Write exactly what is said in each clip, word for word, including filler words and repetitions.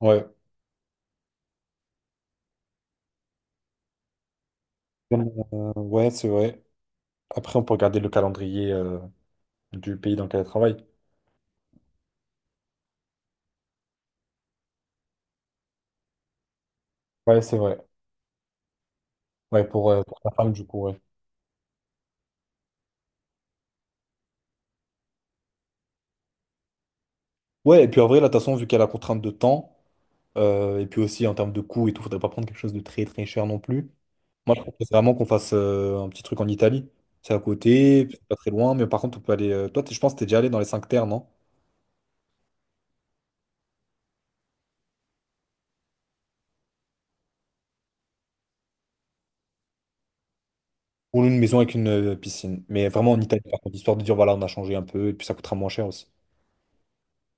Ouais, Euh, ouais, c'est vrai. Après, on peut regarder le calendrier euh, du pays dans lequel elle travaille. Ouais, c'est vrai. Ouais, pour, euh, pour ta femme, du coup, ouais. Ouais, et puis en vrai, là, de toute façon, vu qu'elle a la contrainte de temps, euh, et puis aussi en termes de coût et tout, faudrait pas prendre quelque chose de très très cher non plus. Moi, je propose vraiment qu'on fasse euh, un petit truc en Italie. C'est à côté, c'est pas très loin, mais par contre, on peut aller, euh, toi, t'es- je pense que t'es déjà allé dans les cinq terres, non? Ou une maison avec une euh, piscine. Mais vraiment en Italie, par contre, histoire de dire, voilà, on a changé un peu, et puis ça coûtera moins cher aussi.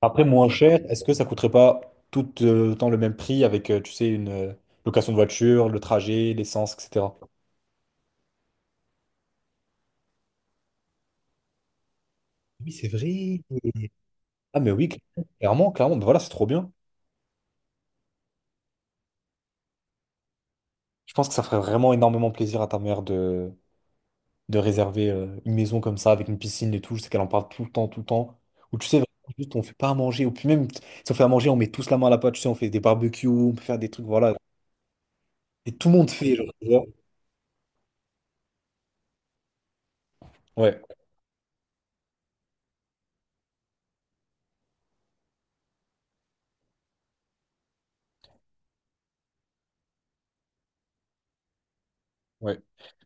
Après, moins cher, est-ce que ça coûterait pas tout euh, autant le même prix avec, euh, tu sais, une euh, location de voiture, le trajet, l'essence, et cetera. Oui, c'est vrai. Ah mais oui, clairement, clairement, bah, voilà, c'est trop bien. Je pense que ça ferait vraiment énormément plaisir à ta mère de, de réserver euh, une maison comme ça, avec une piscine et tout. Je sais qu'elle en parle tout le temps, tout le temps. Ou tu sais, vraiment, juste on fait pas à manger. Ou puis même, si on fait à manger, on met tous la main à la pâte, tu sais, on fait des barbecues, on peut faire des trucs, voilà. Et tout le monde fait, genre, tu vois. Ouais. Ouais.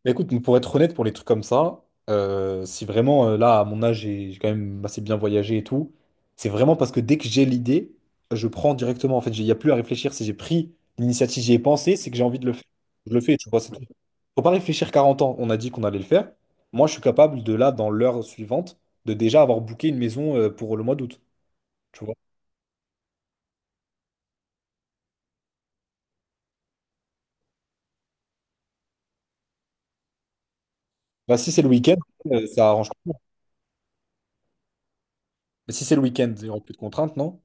Mais écoute, pour être honnête, pour les trucs comme ça, euh, si vraiment euh, là, à mon âge, j'ai j'ai quand même assez bien voyagé et tout, c'est vraiment parce que dès que j'ai l'idée, je prends directement. En fait, il n'y a plus à réfléchir. Si j'ai pris l'initiative, j'y ai pensé, c'est que j'ai envie de le faire. Je le fais, tu vois, c'est tout. Faut pas réfléchir quarante ans. On a dit qu'on allait le faire. Moi, je suis capable de là, dans l'heure suivante, de déjà avoir booké une maison euh, pour le mois d'août. Tu vois. Bah, si c'est le week-end, euh, ça arrange. Mais si c'est le week-end, il n'y aura plus de contraintes, non?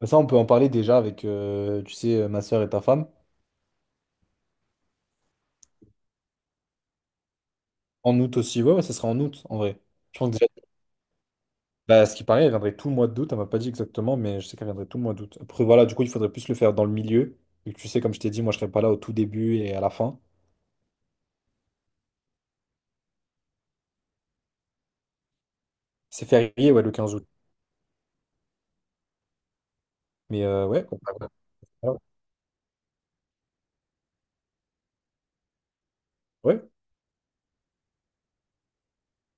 Bah, ça, on peut en parler déjà avec, euh, tu sais, ma soeur et ta femme. En août aussi, ouais, ouais, ça sera en août en vrai. Je pense que déjà, bah, ce qui paraît, elle viendrait tout le mois d'août. Elle m'a pas dit exactement, mais je sais qu'elle viendrait tout le mois d'août. Après, voilà, du coup, il faudrait plus le faire dans le milieu. Vu que tu sais, comme je t'ai dit, moi, je serai pas là au tout début et à la fin. C'est férié, ouais, le quinze août. Mais euh, ouais, on- peut- ouais, ouais, ça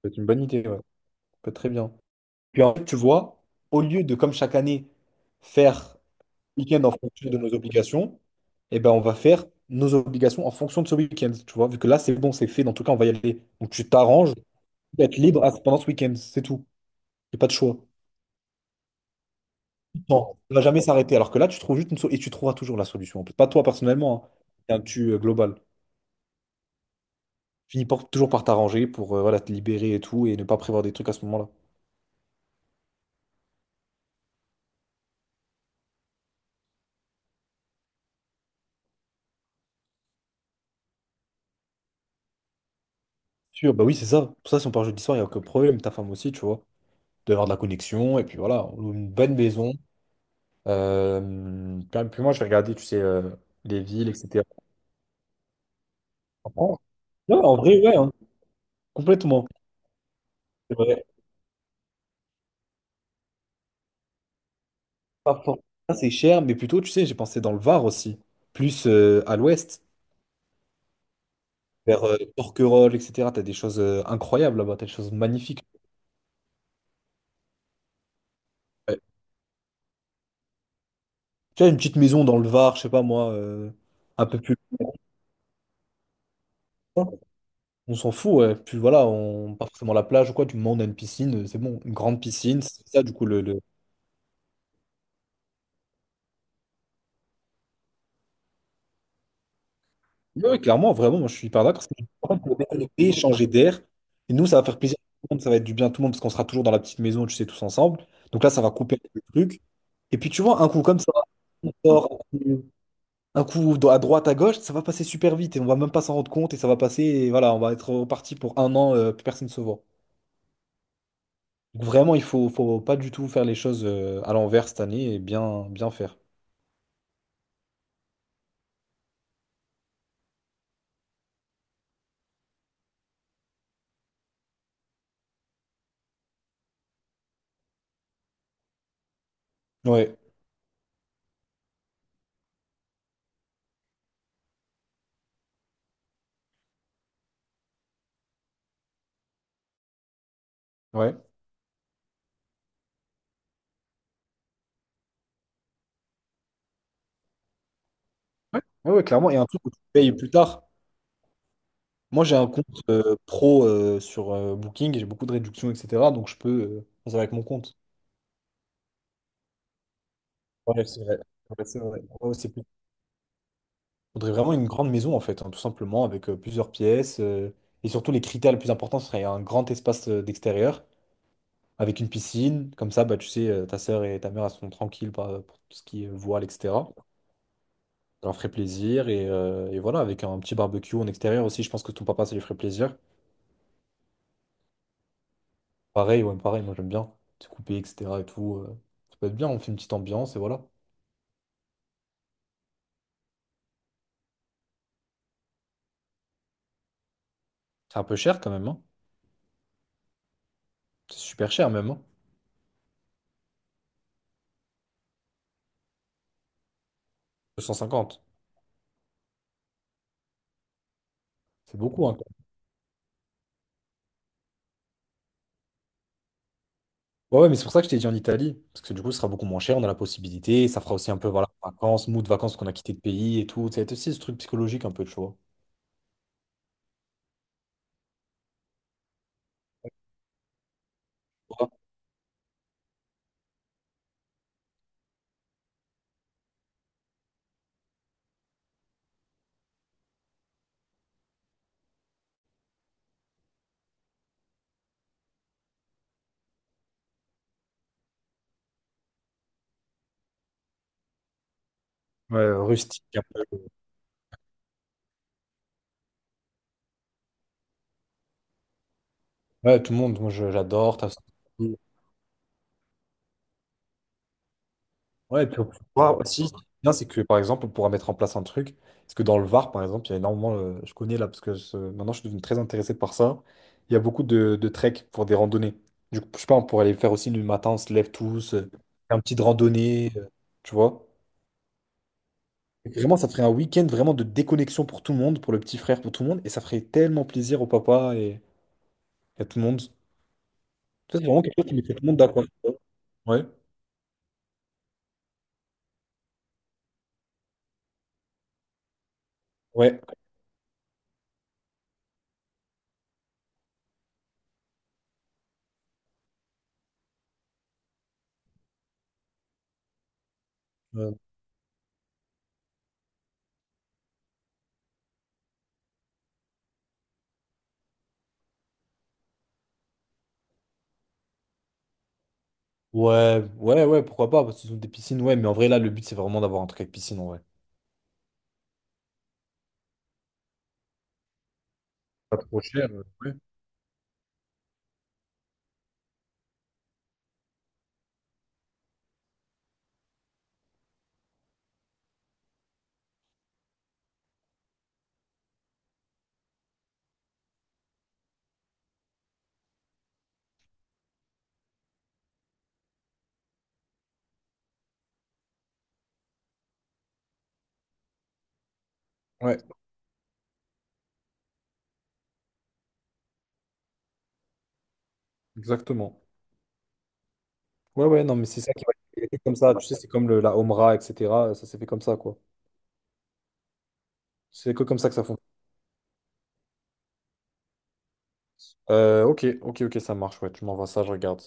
peut être une bonne idée, ouais. Ça peut être très bien. Puis en fait, tu vois, au lieu de, comme chaque année, faire week-end en fonction de nos obligations, eh ben, on va faire nos obligations en fonction de ce week-end, tu vois. Vu que là, c'est bon, c'est fait. Dans tout cas, on va y aller. Donc, tu t'arranges, être libre à- pendant ce week-end, c'est tout. Il n'y a pas de choix. Bon, ça va jamais s'arrêter. Alors que là, tu trouves juste une so- et tu trouveras toujours la solution, en plus. Pas toi personnellement, hein. C'est un tu euh, global. Finis par- toujours par t'arranger pour euh, voilà, te libérer et tout et ne pas prévoir des trucs à ce moment-là. Sûr, bah oui, c'est ça. Pour ça, si on part jeudi soir, il n'y a aucun problème. Ta femme aussi, tu vois. Il doit y avoir de la connexion. Et puis voilà, on loue une bonne maison. Euh, Puis puis moi, je vais regarder, tu sais, euh, les villes, et cetera. En France. Ouais, en vrai, ouais, hein. Complètement. Pas pour ça, c'est cher, mais plutôt, tu sais, j'ai pensé dans le Var aussi, plus euh, à l'ouest, vers euh, Porquerolles, et cetera. T'as des choses euh, incroyables là-bas, t'as des choses magnifiques. Ouais. Tu as une petite maison dans le Var, je sais pas moi, euh, un peu plus loin, on s'en fout, ouais. Puis voilà, on pas forcément la plage ou quoi, du moment où on a une piscine, euh, c'est bon, une grande piscine, c'est ça du coup le... le- Ouais, ouais, clairement, vraiment, moi je suis hyper d'accord, parce que en fait, pour déconnecter, changer d'air, et nous ça va faire plaisir à tout le monde, ça va être du bien à tout le monde, parce qu'on sera toujours dans la petite maison, tu sais, tous ensemble, donc là ça va couper le truc. Et puis tu vois, un coup comme ça, on sort un coup un coup do- à droite, à gauche, ça va passer super vite et on va même pas s'en rendre compte et ça va passer et voilà, on va être reparti pour un an, euh, plus personne se voit. Donc vraiment, il faut, faut pas du tout faire les choses euh, à l'envers cette année et bien, bien faire. Ouais, ouais, ouais, ouais, ouais, clairement. Et un truc que tu payes plus tard. Moi, j'ai un compte euh, pro euh, sur euh, Booking et j'ai beaucoup de réductions, et cetera. Donc je peux euh, faire ça avec mon compte. Ouais, c'est vrai. Ouais, c'est vrai. Ouais, c'est faudrait vraiment une grande maison en fait, hein, tout simplement, avec euh, plusieurs pièces. Euh, et surtout, les critères les plus importants seraient un grand espace euh, d'extérieur, avec une piscine. Comme ça, bah, tu sais, euh, ta sœur et ta mère elles seront tranquilles par- pour tout ce qui est voile, et cetera. Ça leur ferait plaisir. Et, euh, et voilà, avec un petit barbecue en extérieur aussi, je pense que ton papa, ça lui ferait plaisir. Pareil, ouais, pareil, moi j'aime bien. C'est coupé, et cetera et tout. Euh, ça peut être bien, on fait une petite ambiance et voilà. C'est un peu cher quand même, hein. C'est super cher même, hein. deux cent cinquante. C'est beaucoup, hein, ouais, ouais, mais c'est pour ça que je t'ai dit en Italie, parce que du coup, ce sera beaucoup moins cher, on a la possibilité, ça fera aussi un peu, voilà, vacances, mood vacances qu'on a quitté le pays et tout, ça va être aussi ce truc psychologique un peu, tu vois. Ouais, rustique un peu. Ouais, tout le monde, moi je- j'adore. t'as- Ouais, et puis on pourra aussi, ce qui est bien, c'est que par exemple, on pourra mettre en place un truc, parce que dans le Var, par exemple, il y a énormément, euh, je connais là, parce que je- maintenant je suis devenu très intéressé par ça, il y a beaucoup de, de trek pour des randonnées. Du coup, je sais pas, on pourrait aller faire aussi le matin, on se lève tous, euh, un petit randonnée, euh, tu vois. Vraiment, ça ferait un week-end vraiment de déconnexion pour tout le monde, pour le petit frère, pour tout le monde, et ça ferait tellement plaisir au papa et à tout le monde. Ça, c'est vraiment quelque chose qui mettrait tout le monde d'accord. Ouais, ouais. Euh, ouais, ouais, ouais, pourquoi pas, parce que ce sont des piscines, ouais, mais en vrai, là, le but, c'est vraiment d'avoir un truc avec piscine, en vrai. Pas trop cher, euh, ouais. Ouais, exactement. Ouais, ouais, non, mais c'est ça qui va être comme ça, tu sais, c'est comme le- la Omra, et cetera, ça s'est fait comme ça, quoi. C'est que comme ça que ça fonctionne. Euh, ok, ok, ok, ça marche, ouais, tu m'envoies ça, je regarde.